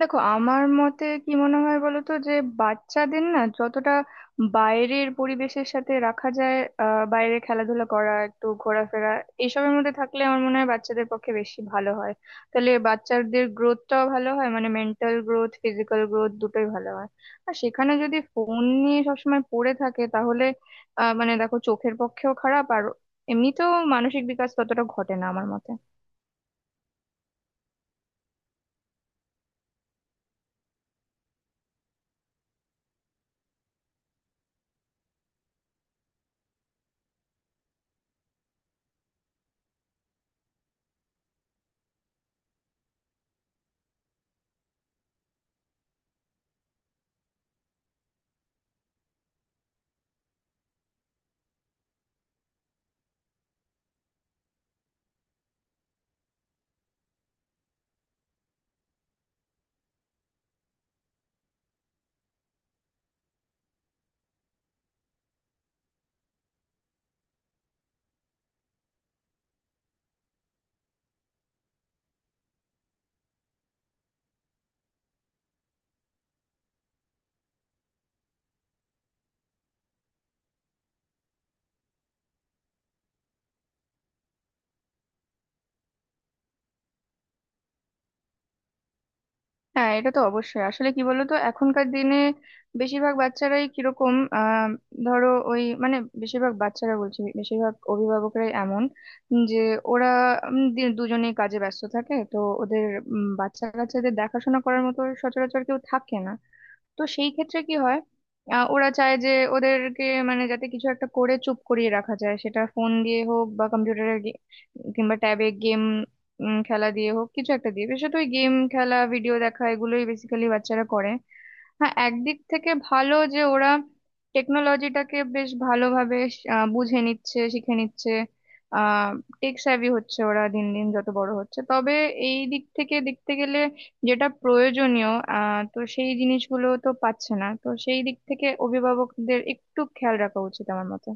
দেখো, আমার মতে কি মনে হয় বলো তো, যে বাচ্চাদের না যতটা বাইরের পরিবেশের সাথে রাখা যায়, বাইরে খেলাধুলা করা, একটু ঘোরাফেরা, এইসবের মধ্যে থাকলে আমার মনে হয় বাচ্চাদের পক্ষে বেশি ভালো হয়। তাহলে বাচ্চাদের গ্রোথটাও ভালো হয়, মানে মেন্টাল গ্রোথ, ফিজিক্যাল গ্রোথ দুটোই ভালো হয়। আর সেখানে যদি ফোন নিয়ে সবসময় পড়ে থাকে, তাহলে মানে দেখো, চোখের পক্ষেও খারাপ, আর এমনিতেও মানসিক বিকাশ ততটা ঘটে না আমার মতে। হ্যাঁ, এটা তো অবশ্যই। আসলে কি বলতো, এখনকার দিনে বেশিরভাগ বাচ্চারাই কিরকম ধরো ওই মানে, বেশিরভাগ বাচ্চারা বলছি, বেশিরভাগ অভিভাবকরাই এমন যে ওরা দুজনেই কাজে ব্যস্ত থাকে তো, ওদের বাচ্চা কাচ্চাদের দেখাশোনা করার মতো সচরাচর কেউ থাকে না। তো সেই ক্ষেত্রে কি হয়, ওরা চায় যে ওদেরকে, মানে, যাতে কিছু একটা করে চুপ করিয়ে রাখা যায়, সেটা ফোন দিয়ে হোক বা কম্পিউটারের কিংবা ট্যাবে গেম খেলা দিয়ে হোক, কিছু একটা দিয়ে। বিশেষত ওই গেম খেলা, ভিডিও দেখা, এগুলোই বেসিক্যালি বাচ্চারা করে। হ্যাঁ, একদিক থেকে ভালো যে ওরা টেকনোলজিটাকে বেশ ভালোভাবে বুঝে নিচ্ছে, শিখে নিচ্ছে। আহ টেক স্যাভি হচ্ছে ওরা দিন দিন যত বড় হচ্ছে। তবে এই দিক থেকে দেখতে গেলে যেটা প্রয়োজনীয় তো সেই জিনিসগুলো তো পাচ্ছে না। তো সেই দিক থেকে অভিভাবকদের একটু খেয়াল রাখা উচিত আমার মতে।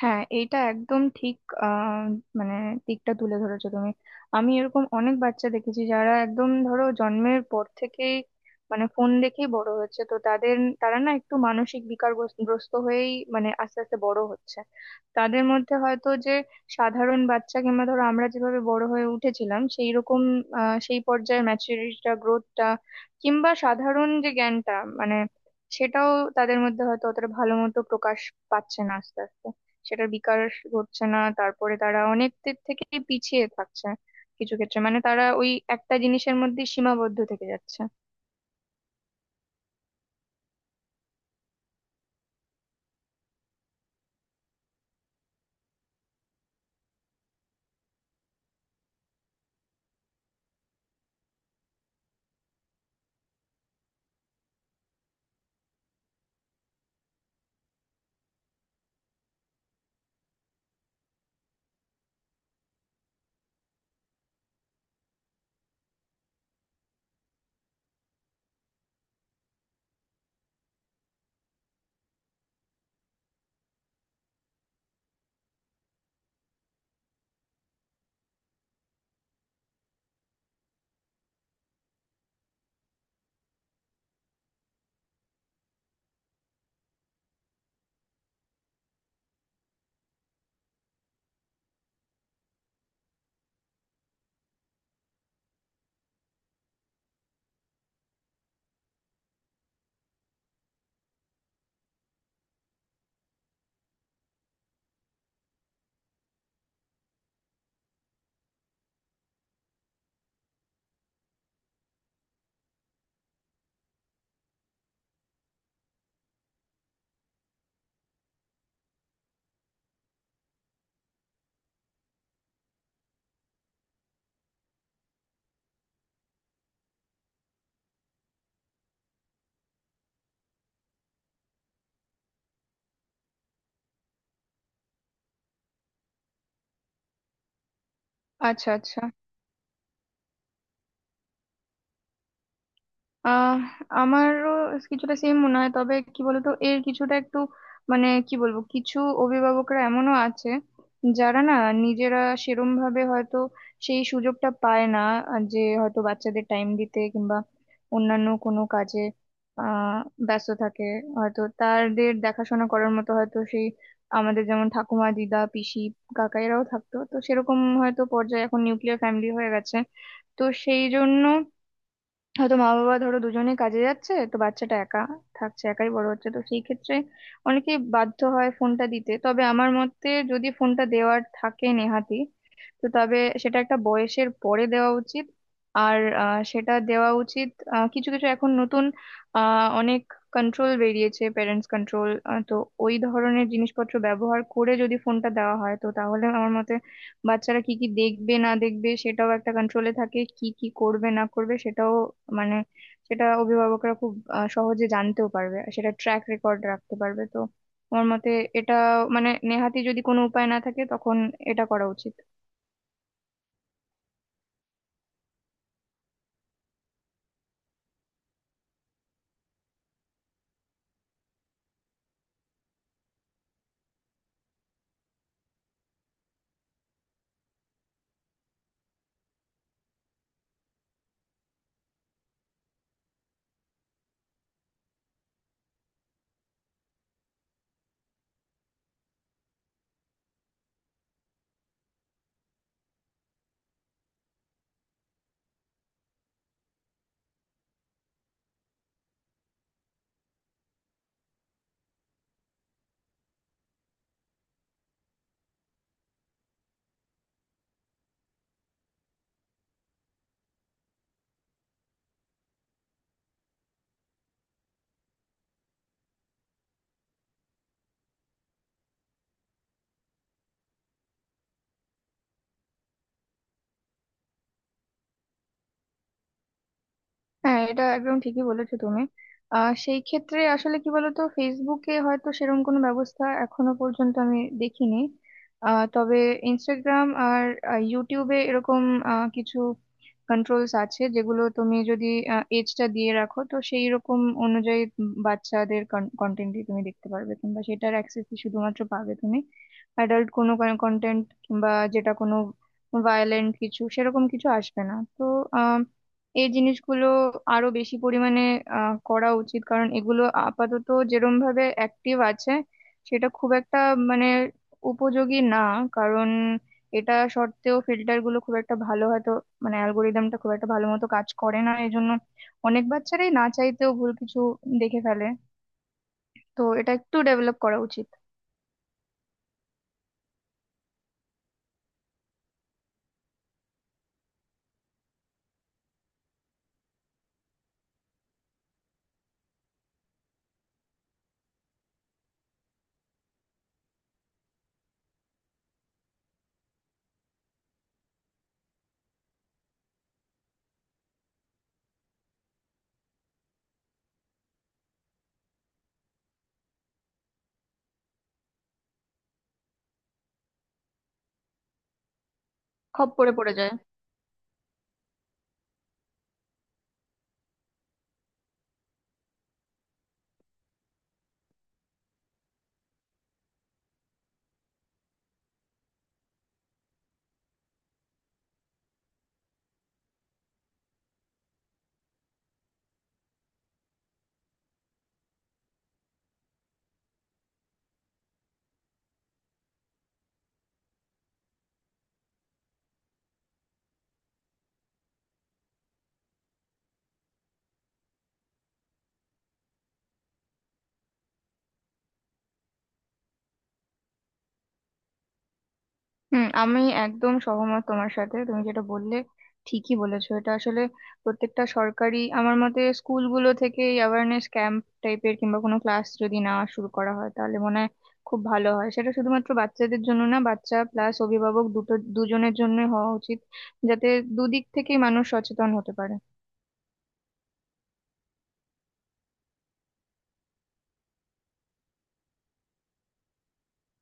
হ্যাঁ, এইটা একদম ঠিক। আহ, মানে দিকটা তুলে ধরেছো তুমি। আমি এরকম অনেক বাচ্চা দেখেছি, যারা একদম ধরো জন্মের পর থেকেই মানে ফোন দেখেই বড় হচ্ছে, তো তাদের, তারা না একটু মানসিক বিকারগ্রস্ত হয়েই মানে আস্তে আস্তে বড় হচ্ছে। তাদের মধ্যে হয়তো যে সাধারণ বাচ্চা কিংবা ধরো আমরা যেভাবে বড় হয়ে উঠেছিলাম সেই রকম সেই পর্যায়ের ম্যাচুরিটিটা, গ্রোথটা কিংবা সাধারণ যে জ্ঞানটা, মানে সেটাও তাদের মধ্যে হয়তো অতটা ভালো মতো প্রকাশ পাচ্ছে না। আস্তে আস্তে সেটার বিকাশ ঘটছে না। তারপরে তারা অনেক দিক থেকে পিছিয়ে থাকছে, কিছু ক্ষেত্রে। মানে তারা ওই একটা জিনিসের মধ্যে সীমাবদ্ধ থেকে যাচ্ছে। আচ্ছা, আচ্ছা। আহ আমারও কিছুটা সেম মনে হয়, তবে কি বলতো, এর কিছুটা একটু মানে কি বলবো, কিছু অভিভাবকরা এমনও আছে যারা না নিজেরা সেরম ভাবে হয়তো সেই সুযোগটা পায় না। আর যে হয়তো বাচ্চাদের টাইম দিতে কিংবা অন্যান্য কোনো কাজে আহ ব্যস্ত থাকে। হয়তো তাদের দেখাশোনা করার মতো হয়তো সেই, আমাদের যেমন ঠাকুমা, দিদা, পিসি, কাকা এরাও থাকতো, তো সেরকম হয়তো পর্যায়ে, এখন নিউক্লিয়ার ফ্যামিলি হয়ে গেছে। তো সেই জন্য হয়তো মা বাবা ধরো দুজনেই কাজে যাচ্ছে, তো বাচ্চাটা একা থাকছে, একাই বড় হচ্ছে। তো সেই ক্ষেত্রে অনেকে বাধ্য হয় ফোনটা দিতে। তবে আমার মতে, যদি ফোনটা দেওয়ার থাকে নেহাতি, তো তবে সেটা একটা বয়সের পরে দেওয়া উচিত। আর সেটা দেওয়া উচিত, কিছু কিছু এখন নতুন অনেক কন্ট্রোল বেরিয়েছে, প্যারেন্টস কন্ট্রোল। তো ওই ধরনের জিনিসপত্র ব্যবহার করে যদি ফোনটা দেওয়া হয়, তো তাহলে আমার মতে বাচ্চারা কি কি দেখবে না দেখবে সেটাও একটা কন্ট্রোলে থাকে, কি কি করবে না করবে সেটাও, মানে সেটা অভিভাবকরা খুব সহজে জানতেও পারবে আর সেটা ট্র্যাক রেকর্ড রাখতে পারবে। তো আমার মতে এটা মানে নেহাতি যদি কোনো উপায় না থাকে, তখন এটা করা উচিত। হ্যাঁ, এটা একদম ঠিকই বলেছো তুমি। সেই ক্ষেত্রে আসলে কি বলতো, ফেসবুকে হয়তো সেরকম কোনো ব্যবস্থা এখনো পর্যন্ত আমি দেখিনি। তবে ইনস্টাগ্রাম আর ইউটিউবে এরকম কিছু কন্ট্রোলস আছে, যেগুলো তুমি যদি এজটা দিয়ে রাখো, তো সেই রকম অনুযায়ী বাচ্চাদের কন্টেন্টই তুমি দেখতে পারবে, কিংবা সেটার অ্যাক্সেসই শুধুমাত্র পাবে তুমি। অ্যাডাল্ট কোনো কন্টেন্ট কিংবা যেটা কোনো ভায়োলেন্ট কিছু, সেরকম কিছু আসবে না। তো এই জিনিসগুলো আরো বেশি পরিমাণে করা উচিত, কারণ এগুলো আপাতত যেরম ভাবে অ্যাক্টিভ আছে সেটা খুব একটা মানে উপযোগী না। কারণ এটা সত্ত্বেও ফিল্টার গুলো খুব একটা ভালো হয়তো, মানে অ্যালগোরিদমটা খুব একটা ভালো মতো কাজ করে না, এই জন্য অনেক বাচ্চারাই না চাইতেও ভুল কিছু দেখে ফেলে। তো এটা একটু ডেভেলপ করা উচিত। খপ করে পড়ে যায়। হুম, আমি একদম সহমত তোমার সাথে। তুমি যেটা বললে ঠিকই বলেছো। এটা আসলে প্রত্যেকটা সরকারি আমার মতে স্কুলগুলো থেকে অ্যাওয়ারনেস ক্যাম্প টাইপের কিংবা কোনো ক্লাস যদি না শুরু করা হয়, তাহলে মনে হয় খুব ভালো হয়। সেটা শুধুমাত্র বাচ্চাদের জন্য না, বাচ্চা প্লাস অভিভাবক দুটো দুজনের জন্য হওয়া উচিত, যাতে দুদিক থেকেই মানুষ সচেতন হতে পারে।